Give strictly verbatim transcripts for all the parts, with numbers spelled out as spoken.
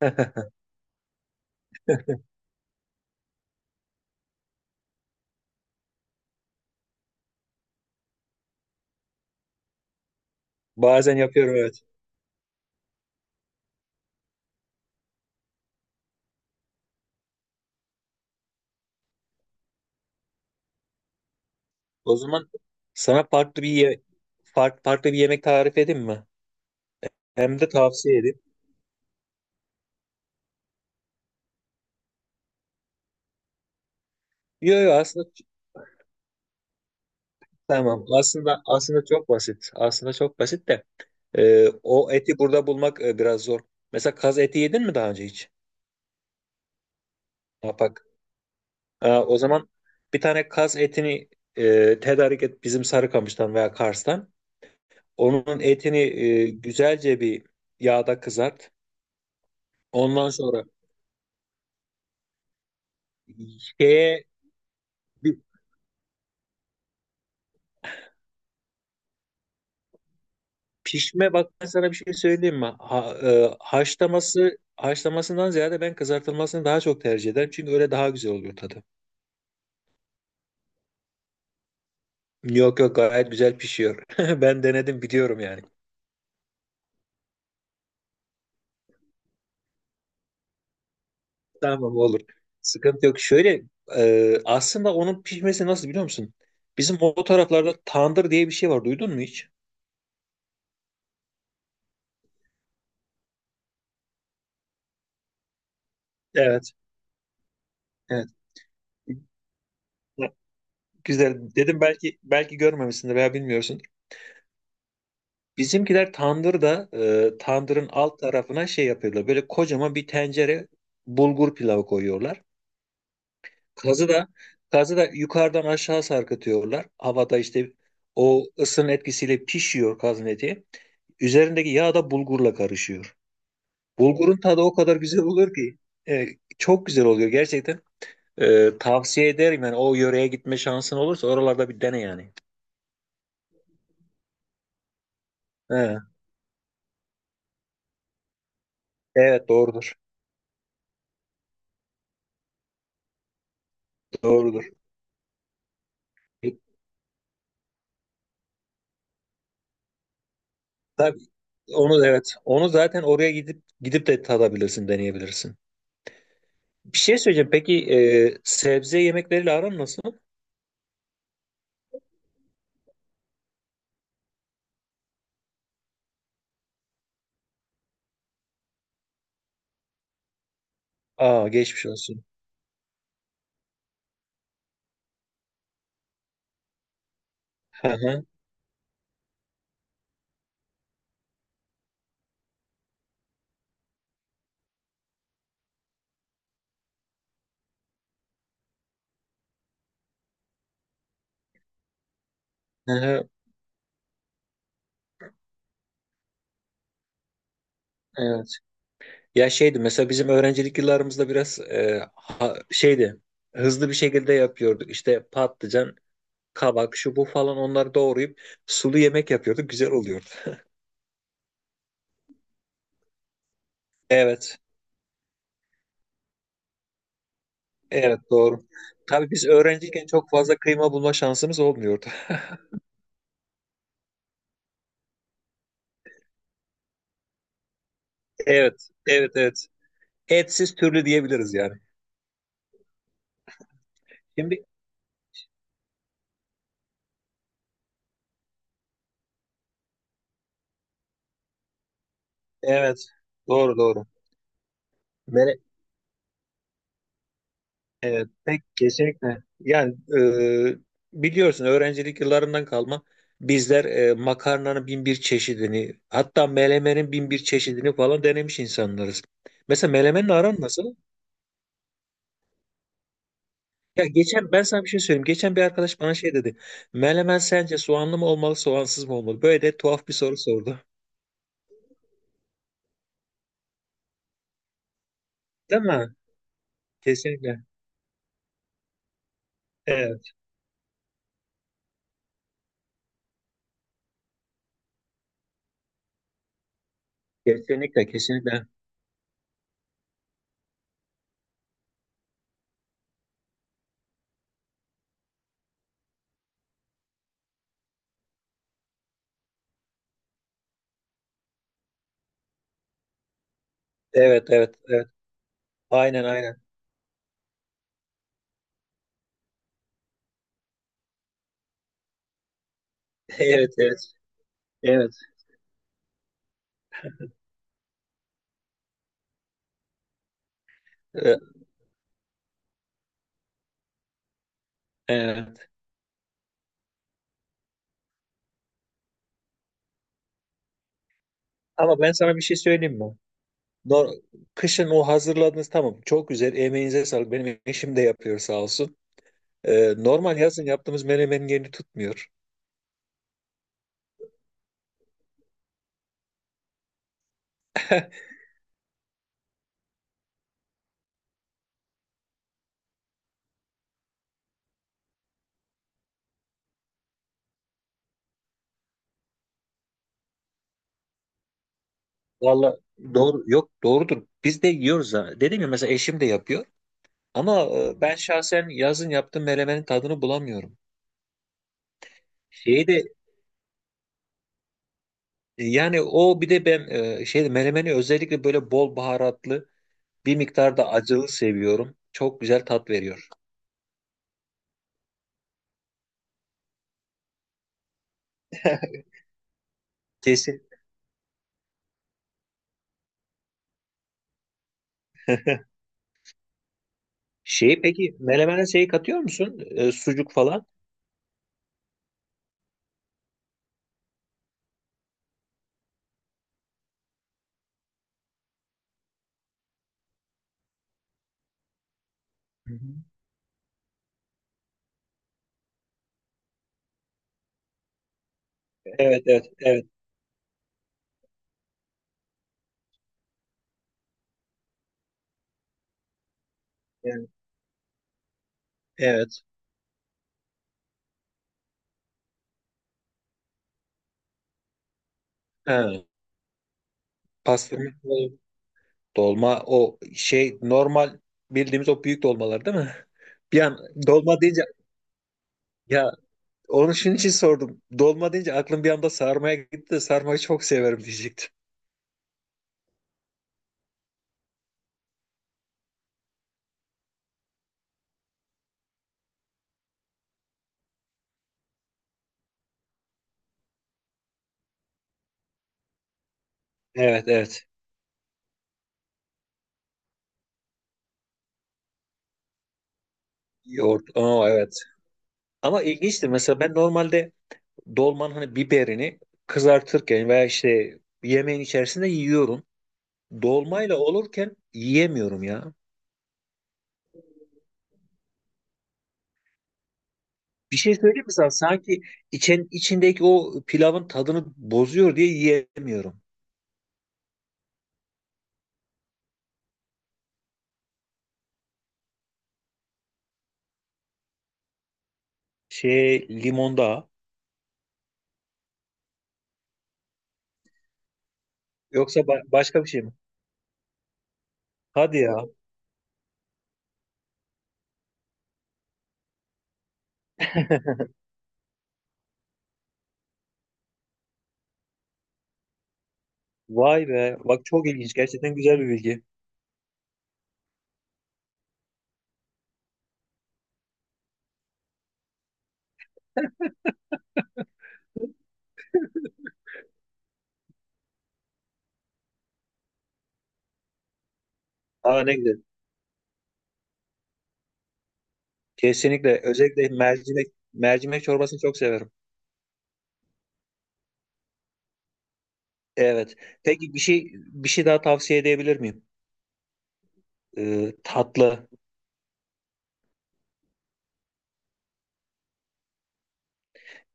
Bazen yapıyorum, evet. O zaman sana farklı bir ye- fark- farklı bir yemek tarif edeyim mi? Hem de tavsiye edeyim. Yok, yok, aslında ç- tamam. Aslında aslında çok basit. Aslında çok basit de e, o eti burada bulmak e, biraz zor. Mesela kaz eti yedin mi daha önce hiç? Ha, bak. Ha, o zaman bir tane kaz etini e, tedarik et bizim Sarıkamış'tan veya Kars'tan. Onun etini e, güzelce bir yağda kızart. Ondan sonra şeye. Pişme, bak ben sana bir şey söyleyeyim mi? Ha- e, haşlaması haşlamasından ziyade ben kızartılmasını daha çok tercih ederim. Çünkü öyle daha güzel oluyor tadı. Yok, yok, gayet güzel pişiyor. Ben denedim, biliyorum yani. Tamam, olur. Sıkıntı yok. Şöyle, e, aslında onun pişmesi nasıl, biliyor musun? Bizim o taraflarda tandır diye bir şey var. Duydun mu hiç? Evet. Evet. Güzel. Dedim belki belki görmemişsindir veya bilmiyorsun. Bizimkiler tandırda, e, tandırın alt tarafına şey yapıyorlar. Böyle kocaman bir tencere bulgur pilavı koyuyorlar. Kazı da kazı da yukarıdan aşağı sarkıtıyorlar. Havada işte o ısının etkisiyle pişiyor kazın eti. Üzerindeki yağ da bulgurla karışıyor. Bulgurun tadı o kadar güzel olur ki, e, çok güzel oluyor gerçekten. E, tavsiye ederim yani, o yöreye gitme şansın olursa oralarda bir dene yani. He, evet, doğrudur. Doğrudur. E, tabii. Onu, evet. Onu zaten oraya gidip gidip de tadabilirsin, deneyebilirsin. Bir şey söyleyeceğim. Peki, e, sebze yemekleriyle aran nasıl? Aa, geçmiş olsun. Hı hı, hı hı. Evet. Ya şeydi, mesela bizim öğrencilik yıllarımızda biraz e, ha- şeydi, hızlı bir şekilde yapıyorduk. İşte patlıcan, kabak, şu bu falan, onları doğrayıp sulu yemek yapıyorduk. Güzel oluyordu. Evet. Evet, doğru. Tabii biz öğrenciyken çok fazla kıyma bulma şansımız olmuyordu. Evet. Evet, evet. Etsiz türlü diyebiliriz yani. Şimdi evet, doğru doğru. Mere- evet, pek kesinlikle. Yani e, biliyorsun, öğrencilik yıllarından kalma bizler e, makarnanın bin bir çeşidini, hatta melemenin bin bir çeşidini falan denemiş insanlarız. Mesela melemenin aran nasıl? Ya geçen, ben sana bir şey söyleyeyim. Geçen bir arkadaş bana şey dedi. Melemen sence soğanlı mı olmalı, soğansız mı olmalı? Böyle de tuhaf bir soru sordu. Değil mi? Kesinlikle. Evet. Kesinlikle, kesinlikle. Evet, evet, evet. Aynen, aynen. Evet, evet. Evet. E, Evet. Ama ben sana bir şey söyleyeyim mi? No- Kışın o hazırladığınız tamam, çok güzel, emeğinize sağlık. Benim eşim de yapıyor, sağ olsun. E, normal yazın yaptığımız menemenin yerini tutmuyor. Valla doğru, yok doğrudur. Biz de yiyoruz ha. Dedim ya, mesela eşim de yapıyor. Ama e, ben şahsen yazın yaptığım menemenin tadını bulamıyorum. Şeyi de, yani o bir de ben e, şeyde, menemeni özellikle böyle bol baharatlı, bir miktar da acılı seviyorum. Çok güzel tat veriyor. Kesin. Şeyi, peki melemene şeyi katıyor musun? E, sucuk falan. Hı hı. Evet, evet, evet. Yani, evet. Ha, pastırma dolma, o şey, normal bildiğimiz o büyük dolmalar değil mi? Bir an, dolma deyince, ya onun şunun için sordum. Dolma deyince aklım bir anda sarmaya gitti de, sarmayı çok severim diyecektim. Evet, evet. Yoğurt. Aa, evet. Ama ilginçtir. Mesela ben normalde dolmanın hani biberini kızartırken veya işte yemeğin içerisinde yiyorum. Dolmayla olurken yiyemiyorum ya. Bir şey söyleyeyim mi sana? Sanki içen, içindeki o pilavın tadını bozuyor diye yiyemiyorum. Şey, limonda. Yoksa ba- başka bir şey mi? Hadi ya. Vay be. Bak, çok ilginç. Gerçekten güzel bir bilgi. Aa, ne güzel. Kesinlikle. Özellikle mercimek mercimek çorbasını çok severim. Evet. Peki, bir şey bir şey daha tavsiye edebilir miyim? Ee, tatlı.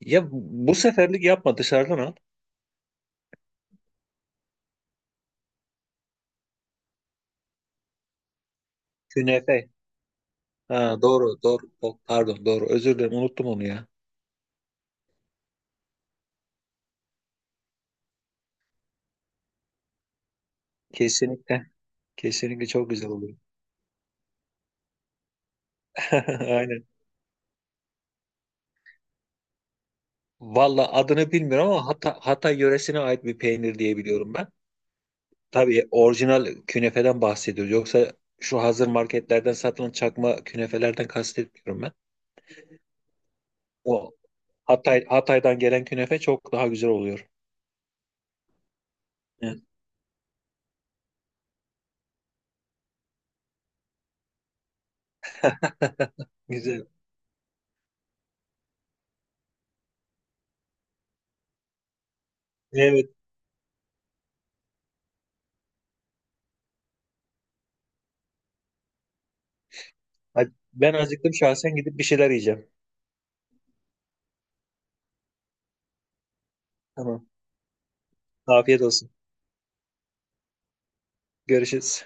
Ya bu seferlik yapma, dışarıdan al. Künefe. Ha, doğru doğru. O- pardon, doğru, özür dilerim, unuttum onu ya. Kesinlikle, kesinlikle, çok güzel oluyor. Aynen. Valla adını bilmiyorum ama Hata- Hatay yöresine ait bir peynir diye biliyorum ben. Tabii orijinal künefeden bahsediyoruz. Yoksa şu hazır marketlerden satılan çakma künefelerden kastetmiyorum ben. O Hatay, Hatay'dan gelen künefe çok daha güzel oluyor. Evet. Güzel. Evet. Hadi, Ben acıktım şahsen, gidip bir şeyler yiyeceğim. Tamam. Afiyet olsun. Görüşürüz.